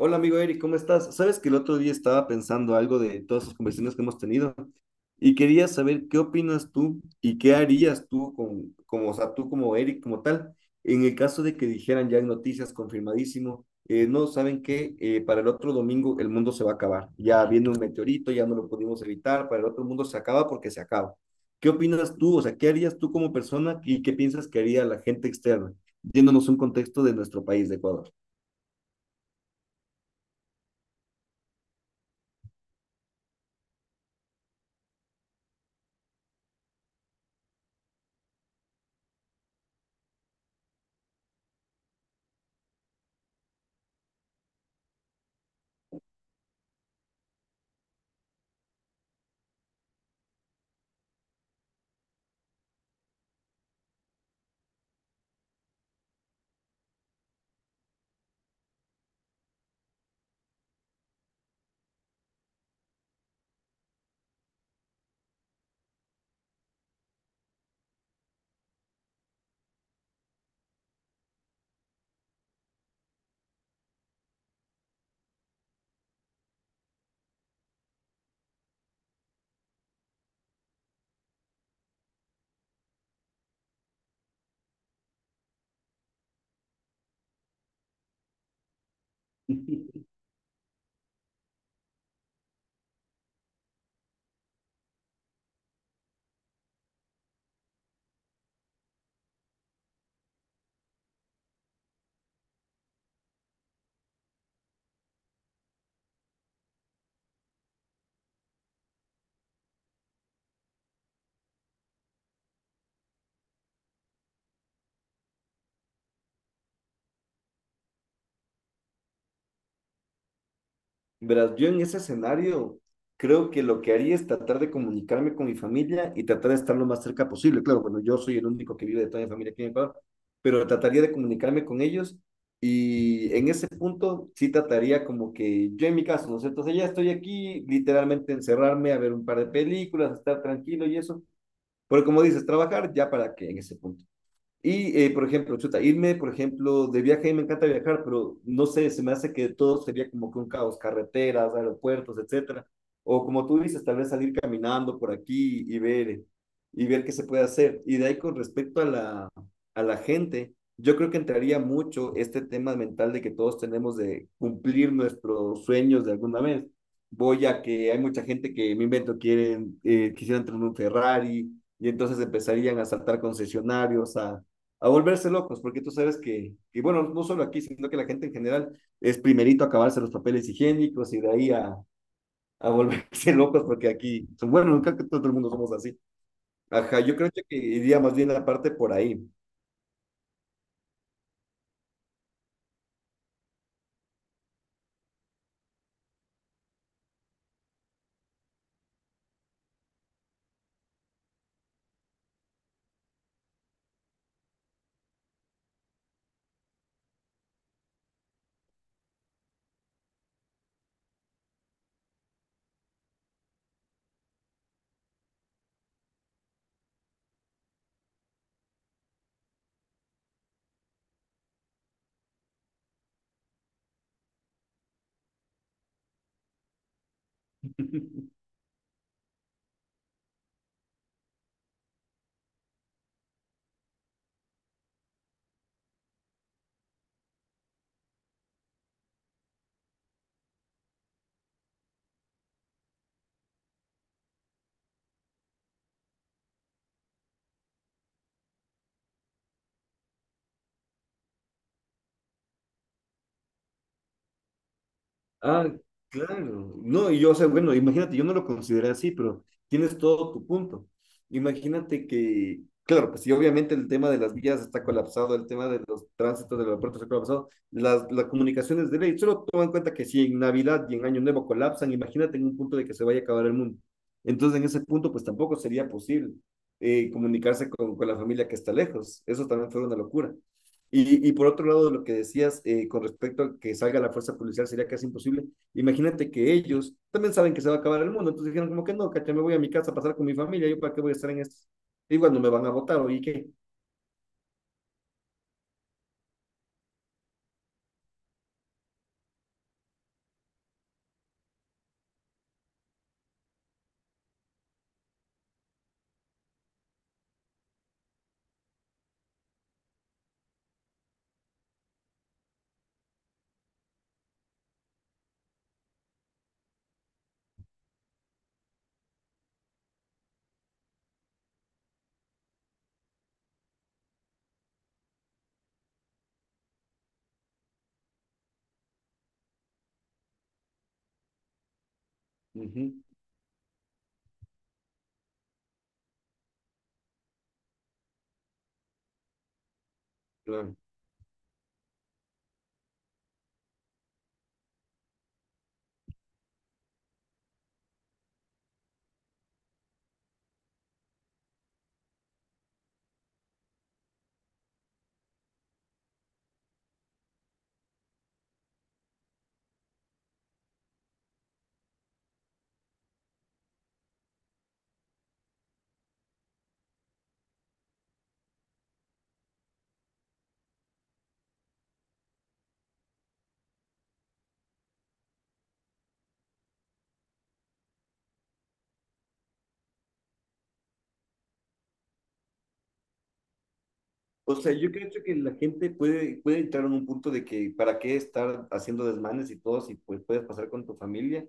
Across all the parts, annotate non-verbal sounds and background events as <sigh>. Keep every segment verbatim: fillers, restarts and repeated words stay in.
Hola amigo Eric, ¿cómo estás? Sabes que el otro día estaba pensando algo de todas las conversaciones que hemos tenido y quería saber qué opinas tú y qué harías tú con, como, o sea, tú como Eric como tal, en el caso de que dijeran ya en noticias confirmadísimo, eh, no, ¿saben qué? Eh, para el otro domingo el mundo se va a acabar. Ya viene un meteorito, ya no lo pudimos evitar, para el otro mundo se acaba porque se acaba. ¿Qué opinas tú? O sea, ¿qué harías tú como persona y qué piensas que haría la gente externa, yéndonos a un contexto de nuestro país, de Ecuador? <laughs> Verás, yo en ese escenario creo que lo que haría es tratar de comunicarme con mi familia y tratar de estar lo más cerca posible. Claro, bueno, yo soy el único que vive de toda mi familia aquí en Ecuador, pero trataría de comunicarme con ellos y en ese punto sí trataría como que yo en mi caso, ¿no sé? Entonces ya estoy aquí, literalmente encerrarme a ver un par de películas, estar tranquilo y eso. Porque como dices, trabajar ya para qué en ese punto. Y, eh, por ejemplo, chuta, irme, por ejemplo, de viaje, a mí me encanta viajar, pero no sé, se me hace que todo sería como que un caos, carreteras, aeropuertos, etcétera. O como tú dices, tal vez salir caminando por aquí y ver, eh, y ver qué se puede hacer. Y de ahí con respecto a la, a la gente, yo creo que entraría mucho este tema mental de que todos tenemos de cumplir nuestros sueños de alguna vez. Voy a que hay mucha gente que, me invento, quieren, eh, quisieran tener un Ferrari, y entonces empezarían a saltar concesionarios, a a volverse locos, porque tú sabes que, y bueno, no solo aquí, sino que la gente en general es primerito a acabarse los papeles higiénicos y de ahí a, a volverse <laughs> locos, porque aquí, bueno, nunca que todo el mundo somos así. Ajá, yo creo que iría más bien la parte por ahí. <laughs> Ah, claro. No, y yo, o sea, bueno, imagínate, yo no lo consideré así, pero tienes todo tu punto. Imagínate que, claro, pues si obviamente el tema de las vías está colapsado, el tema de los tránsitos del aeropuerto está colapsado, las, las comunicaciones de ley, solo toma en cuenta que si en Navidad y en Año Nuevo colapsan, imagínate en un punto de que se vaya a acabar el mundo. Entonces, en ese punto, pues tampoco sería posible eh, comunicarse con, con la familia que está lejos. Eso también fue una locura. Y, y por otro lado, lo que decías, eh, con respecto a que salga la fuerza policial sería casi imposible. Imagínate que ellos también saben que se va a acabar el mundo, entonces dijeron como que no, cacha, me voy a mi casa a pasar con mi familia, ¿yo para qué voy a estar en esto? Y bueno, me van a votar, o ¿y qué? Uh -huh, claro. O sea, yo creo que la gente puede, puede entrar en un punto de que para qué estar haciendo desmanes y todo si pues puedes pasar con tu familia,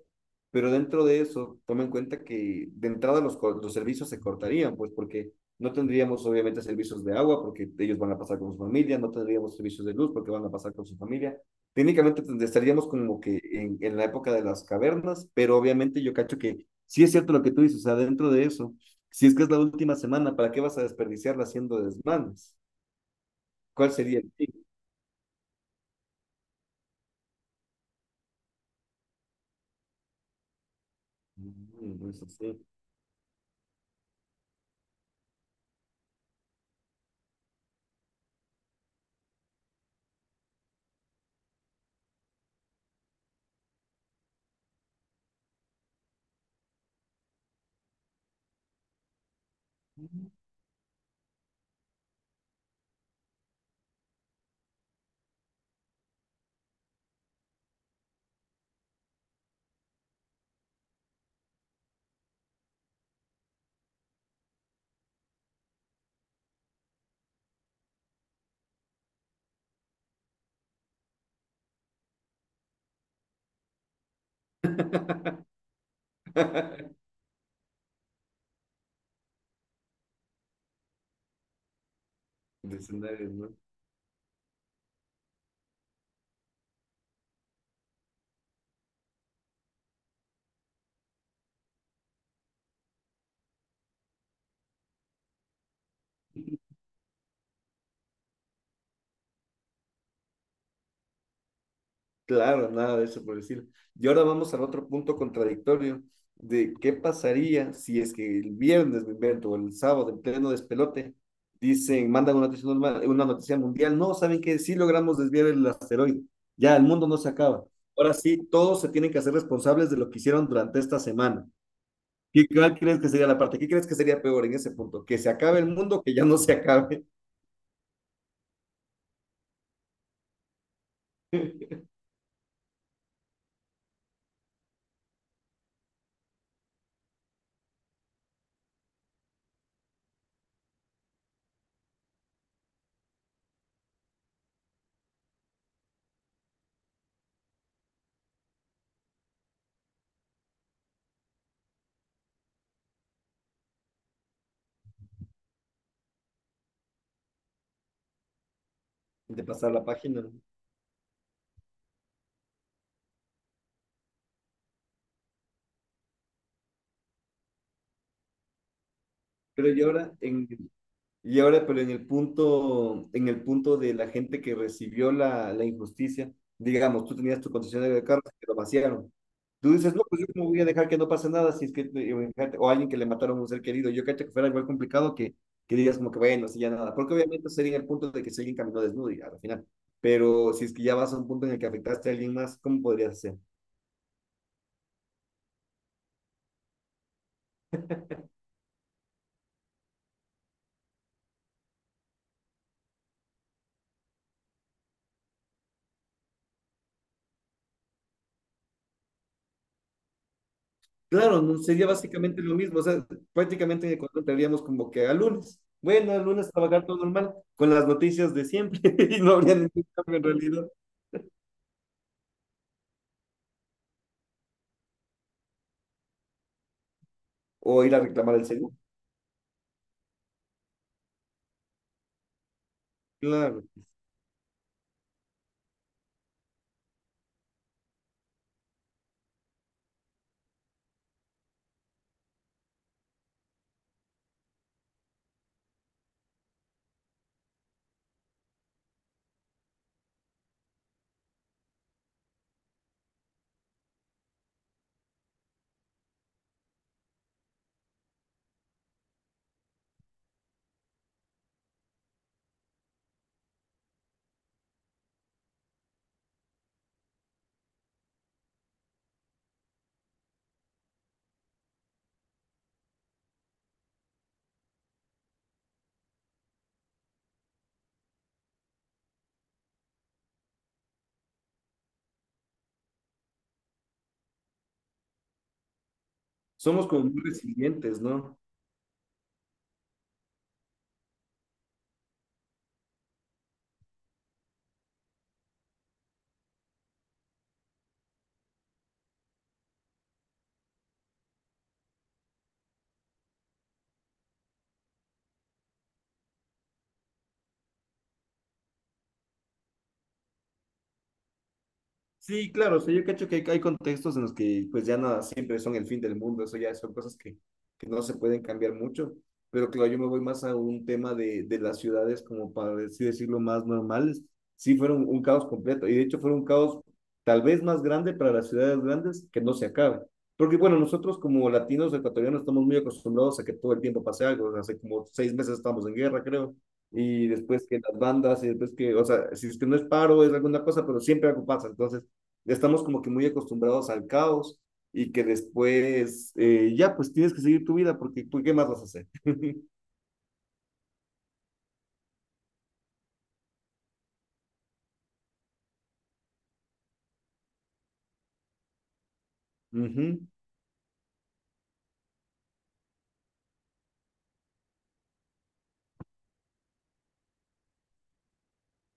pero dentro de eso, toma en cuenta que de entrada los, co- los servicios se cortarían, pues porque no tendríamos obviamente servicios de agua porque ellos van a pasar con su familia, no tendríamos servicios de luz porque van a pasar con su familia. Técnicamente tend- estaríamos como que en, en la época de las cavernas, pero obviamente yo cacho que sí es cierto lo que tú dices, o sea, dentro de eso, si es que es la última semana, ¿para qué vas a desperdiciarla haciendo desmanes? ¿Cuál sería el fin? Mm, eso sí. De escenarios, <laughs> ¿no? Claro, nada de eso por decirlo. Y ahora vamos al otro punto contradictorio de qué pasaría si es que el viernes, me invento, o el sábado, en pleno despelote, dicen, mandan una noticia, normal- una noticia mundial, no, ¿saben qué? Sí logramos desviar el asteroide, ya el mundo no se acaba. Ahora sí, todos se tienen que hacer responsables de lo que hicieron durante esta semana. ¿Qué, ¿Cuál crees que sería la parte? ¿Qué crees que sería peor en ese punto? ¿Que se acabe el mundo o que ya no se acabe? <laughs> De pasar la página, ¿no? Pero y ahora en y ahora pero en el punto en el punto de la gente que recibió la, la injusticia, digamos, tú tenías tu concesionario de carros que lo vaciaron. Tú dices, no, pues yo cómo voy a dejar que no pase nada si es que o alguien que le mataron a un ser querido. Yo cacho que fuera igual complicado que que digas como que bueno, si ya nada, porque obviamente sería el punto de que si alguien caminó desnudo y al final. Pero si es que ya vas a un punto en el que afectaste a alguien más, ¿cómo podrías hacer? Claro, no sería básicamente lo mismo, o sea, prácticamente en Ecuador estaríamos como que a lunes. Bueno, el lunes trabajar todo normal, con las noticias de siempre, <laughs> y no habría ningún cambio en realidad. O ir a reclamar el seguro. Claro, somos como muy resilientes, ¿no? Sí, claro, o sea, yo cacho que hay, hay contextos en los que pues ya nada, siempre son el fin del mundo, eso ya son cosas que, que no se pueden cambiar mucho, pero claro, yo me voy más a un tema de, de las ciudades como para así decirlo más normales, sí fueron un caos completo y de hecho fueron un caos tal vez más grande para las ciudades grandes que no se acaba, porque bueno, nosotros como latinos ecuatorianos estamos muy acostumbrados a que todo el tiempo pase algo, o sea, hace como seis meses estamos en guerra, creo. Y después que las bandas, y después que, o sea, si es que no es paro, es alguna cosa, pero siempre algo pasa. Entonces, ya estamos como que muy acostumbrados al caos y que después, eh, ya pues tienes que seguir tu vida porque pues, ¿qué más vas a hacer? <laughs> Ujú.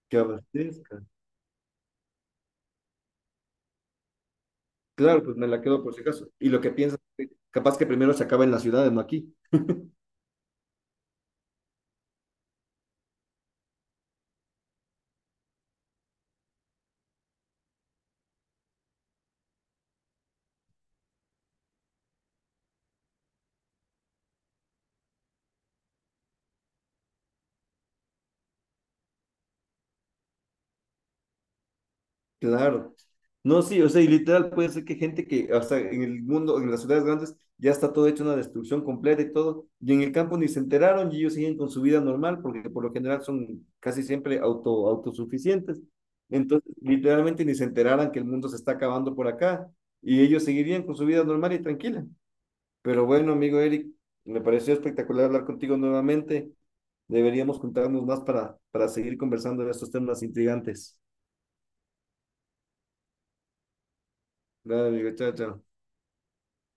Que abastezca. Claro, pues me la quedo por si acaso. Y lo que piensas, capaz que primero se acaba en las ciudades, no aquí. Claro. No, sí, o sea, y literal puede ser que gente que, o sea, en el mundo, en las ciudades grandes, ya está todo hecho una destrucción completa y todo, y en el campo ni se enteraron y ellos siguen con su vida normal, porque por lo general son casi siempre auto, autosuficientes. Entonces, literalmente ni se enteraran que el mundo se está acabando por acá, y ellos seguirían con su vida normal y tranquila. Pero bueno, amigo Eric, me pareció espectacular hablar contigo nuevamente. Deberíamos juntarnos más para, para seguir conversando de estos temas intrigantes. Dale, amigo, chao, chao.